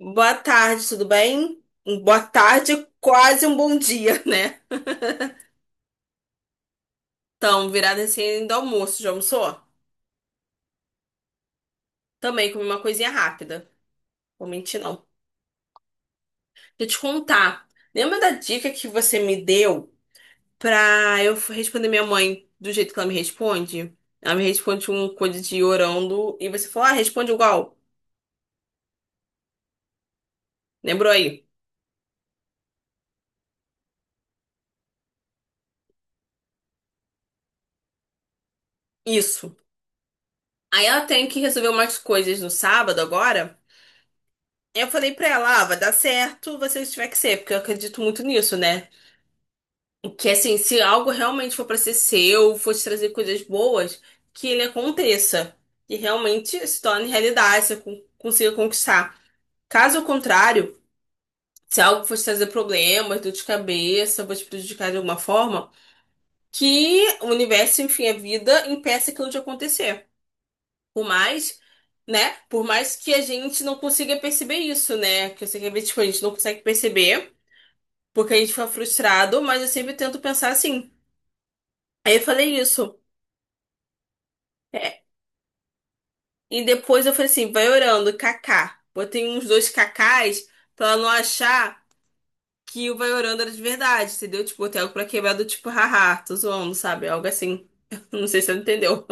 Boa tarde, tudo bem? Boa tarde, quase um bom dia, né? Então, virada assim do almoço, já almoçou? Também comi uma coisinha rápida. Vou mentir, não. Deixa eu te contar. Lembra da dica que você me deu pra eu responder minha mãe do jeito que ela me responde? Ela me responde um coisa de orando e você falou, ah, responde igual. Lembrou aí? Isso. Aí ela tem que resolver umas coisas no sábado agora. Eu falei pra ela, ah, vai dar certo, você tiver que ser, porque eu acredito muito nisso, né? Que assim, se algo realmente for pra ser seu, for te trazer coisas boas, que ele aconteça. E realmente se torne realidade, você consiga conquistar. Caso contrário, se algo for te trazer problemas, dor de cabeça, for te prejudicar de alguma forma, que o universo, enfim, a vida, impeça aquilo de acontecer. Por mais, né? Por mais que a gente não consiga perceber isso, né? Que eu sei que às vezes, tipo, a gente não consegue perceber, porque a gente fica frustrado, mas eu sempre tento pensar assim. Aí eu falei isso. E depois eu falei assim, vai orando, Kaká. Botei uns dois Kakás pra ela não achar que o vai orando era de verdade, entendeu? Tipo, botei algo pra quebrar do tipo, haha, tô zoando, sabe? Algo assim. Não sei se você entendeu.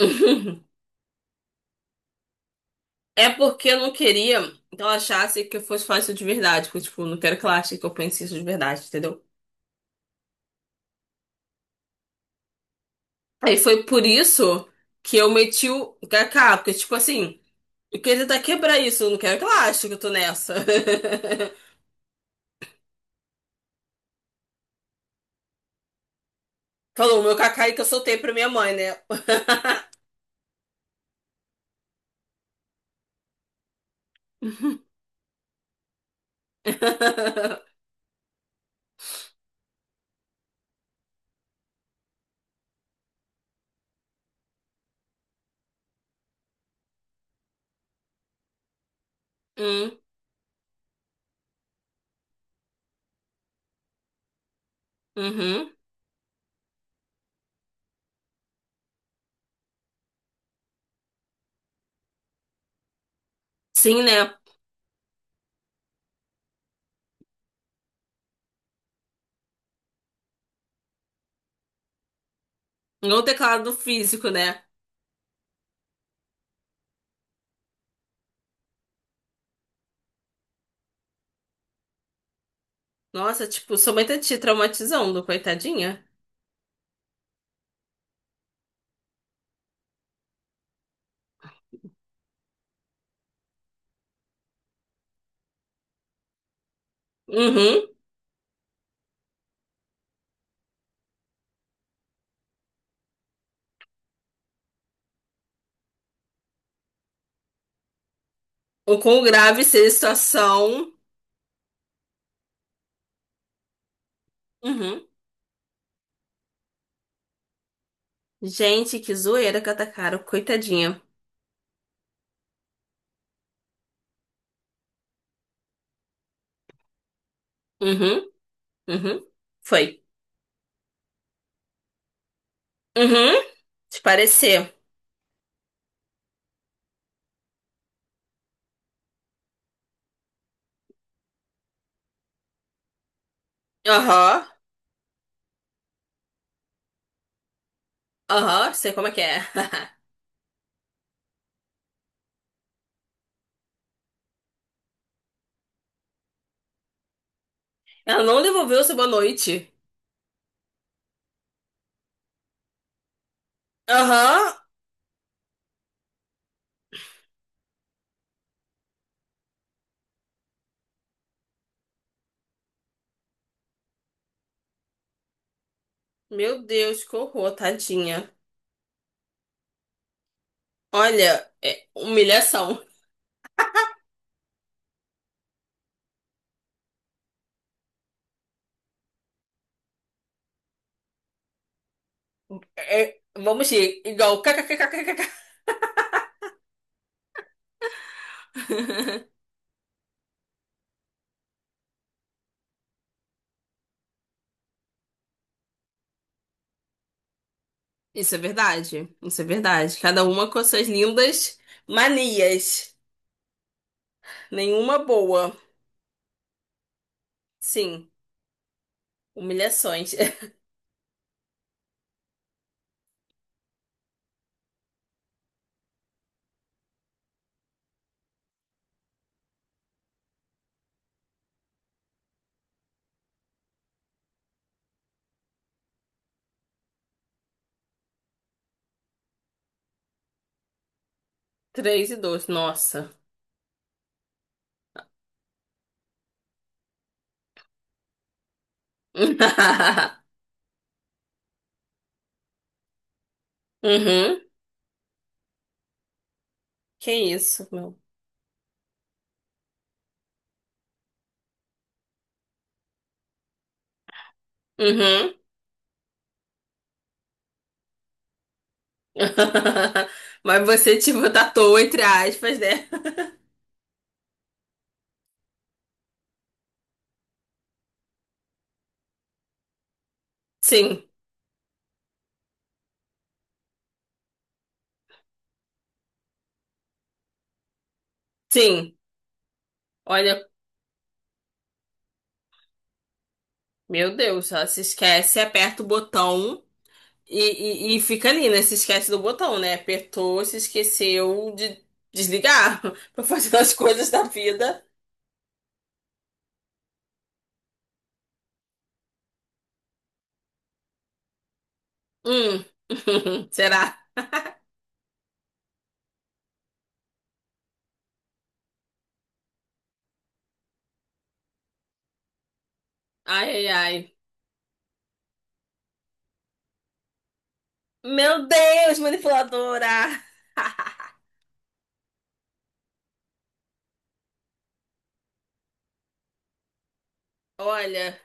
É porque eu não queria que ela achasse que eu fosse falar isso de verdade. Porque, tipo, eu não quero que ela ache que eu pense isso de verdade, entendeu? Aí foi por isso que eu meti o Kaká, porque, tipo assim, eu queria tentar quebrar isso, eu não quero que ela ache que eu tô nessa. Falou o meu Kaká aí que eu soltei pra minha mãe, né? Hum, uhum. Sim, né? Não o teclado físico, né? Nossa, tipo, sua mãe tá te traumatizando, coitadinha. Uhum. O quão grave seja a situação. Uhum. Gente, que zoeira que atacaram, coitadinha. Uhum, uhum. Foi. Uhum. Te parecer. Aham, aham, sei como é que é. Ela não devolveu sua boa noite. Aham. Meu Deus, que horror, tadinha. Olha, é humilhação. É, vamos ir, igual kkkkk. Isso é verdade. Isso é verdade. Cada uma com suas lindas manias. Nenhuma boa. Sim, humilhações. Três e dois. Nossa. Uhum. Que isso, meu. Uhum. Mas você, tipo, tatuou entre aspas, né? Sim, sim. Olha, meu Deus, ela se esquece, aperta o botão. E fica ali, né? Se esquece do botão, né? Apertou, se esqueceu de desligar pra fazer as coisas da vida. Hum. Será? Ai, ai, ai. Meu Deus, manipuladora! Olha,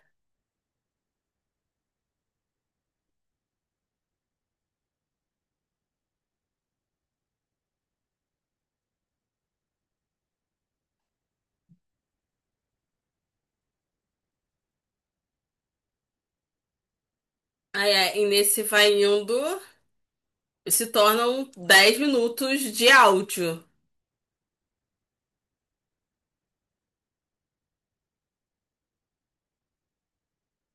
ai, ai, e nesse vai indo, se tornam 10 minutos de áudio.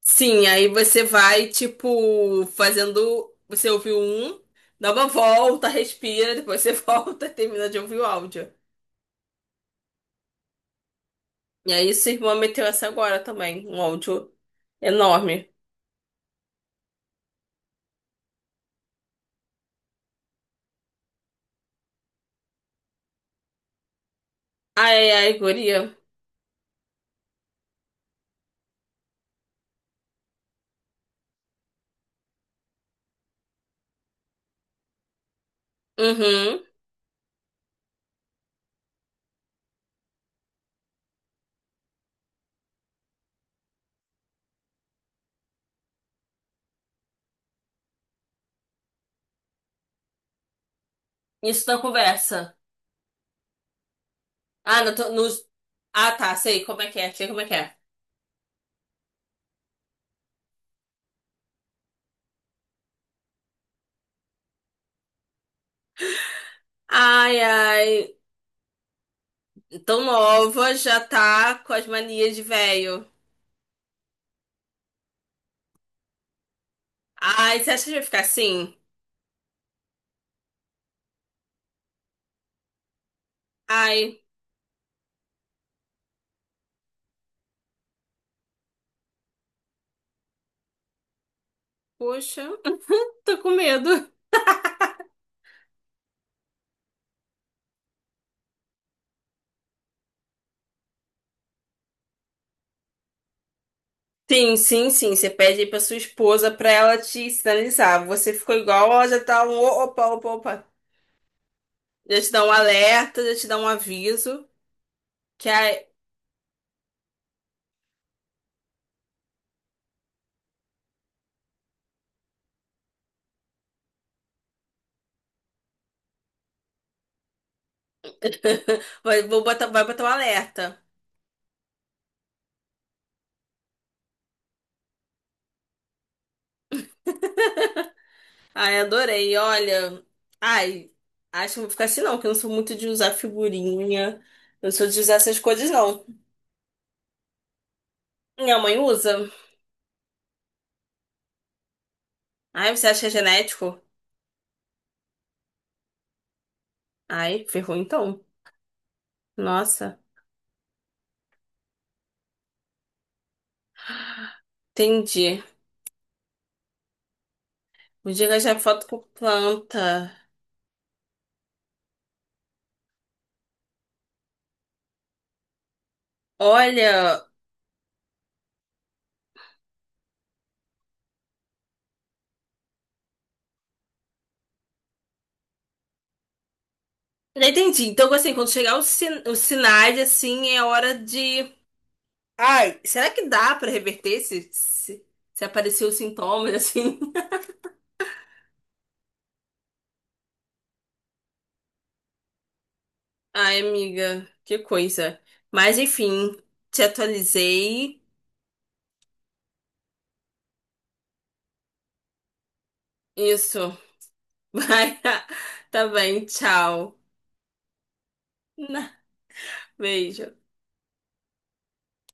Sim, aí você vai, tipo, fazendo. Você ouviu um, dá uma volta, respira, depois você volta e termina de ouvir o áudio. E aí, sua irmã meteu essa agora também, um áudio enorme. Ai, ai, ai, guria. Uhum. Isso na conversa. Ah, no, nos... ah, tá, sei como é que é, sei como é que é. Ai, ai, tão nova, já tá com as manias de velho. Ai, você acha que vai ficar assim? Ai, poxa, tô com medo. Sim, sim, sim, você pede aí pra sua esposa pra ela te sinalizar. Você ficou igual, ela já tá um opa, opa, opa. Já te dá um alerta, já te dá um aviso. Que ai, vai, vou botar, vai botar um alerta. Ai, adorei. Olha, ai, acho que não vou ficar assim não, que eu não sou muito de usar figurinha. Eu não sou de usar essas coisas, não. Minha mãe usa. Ai, você acha que é genético? Ai, ferrou então. Nossa, entendi. Podia gastar foto com planta. Olha, já entendi. Então, assim, quando chegar os, sin os sinais, assim, é hora de. Ai, será que dá pra reverter se aparecer os sintomas, assim? Ai, amiga, que coisa. Mas enfim, te atualizei. Isso. Vai. Tá bem, tchau. Beijo.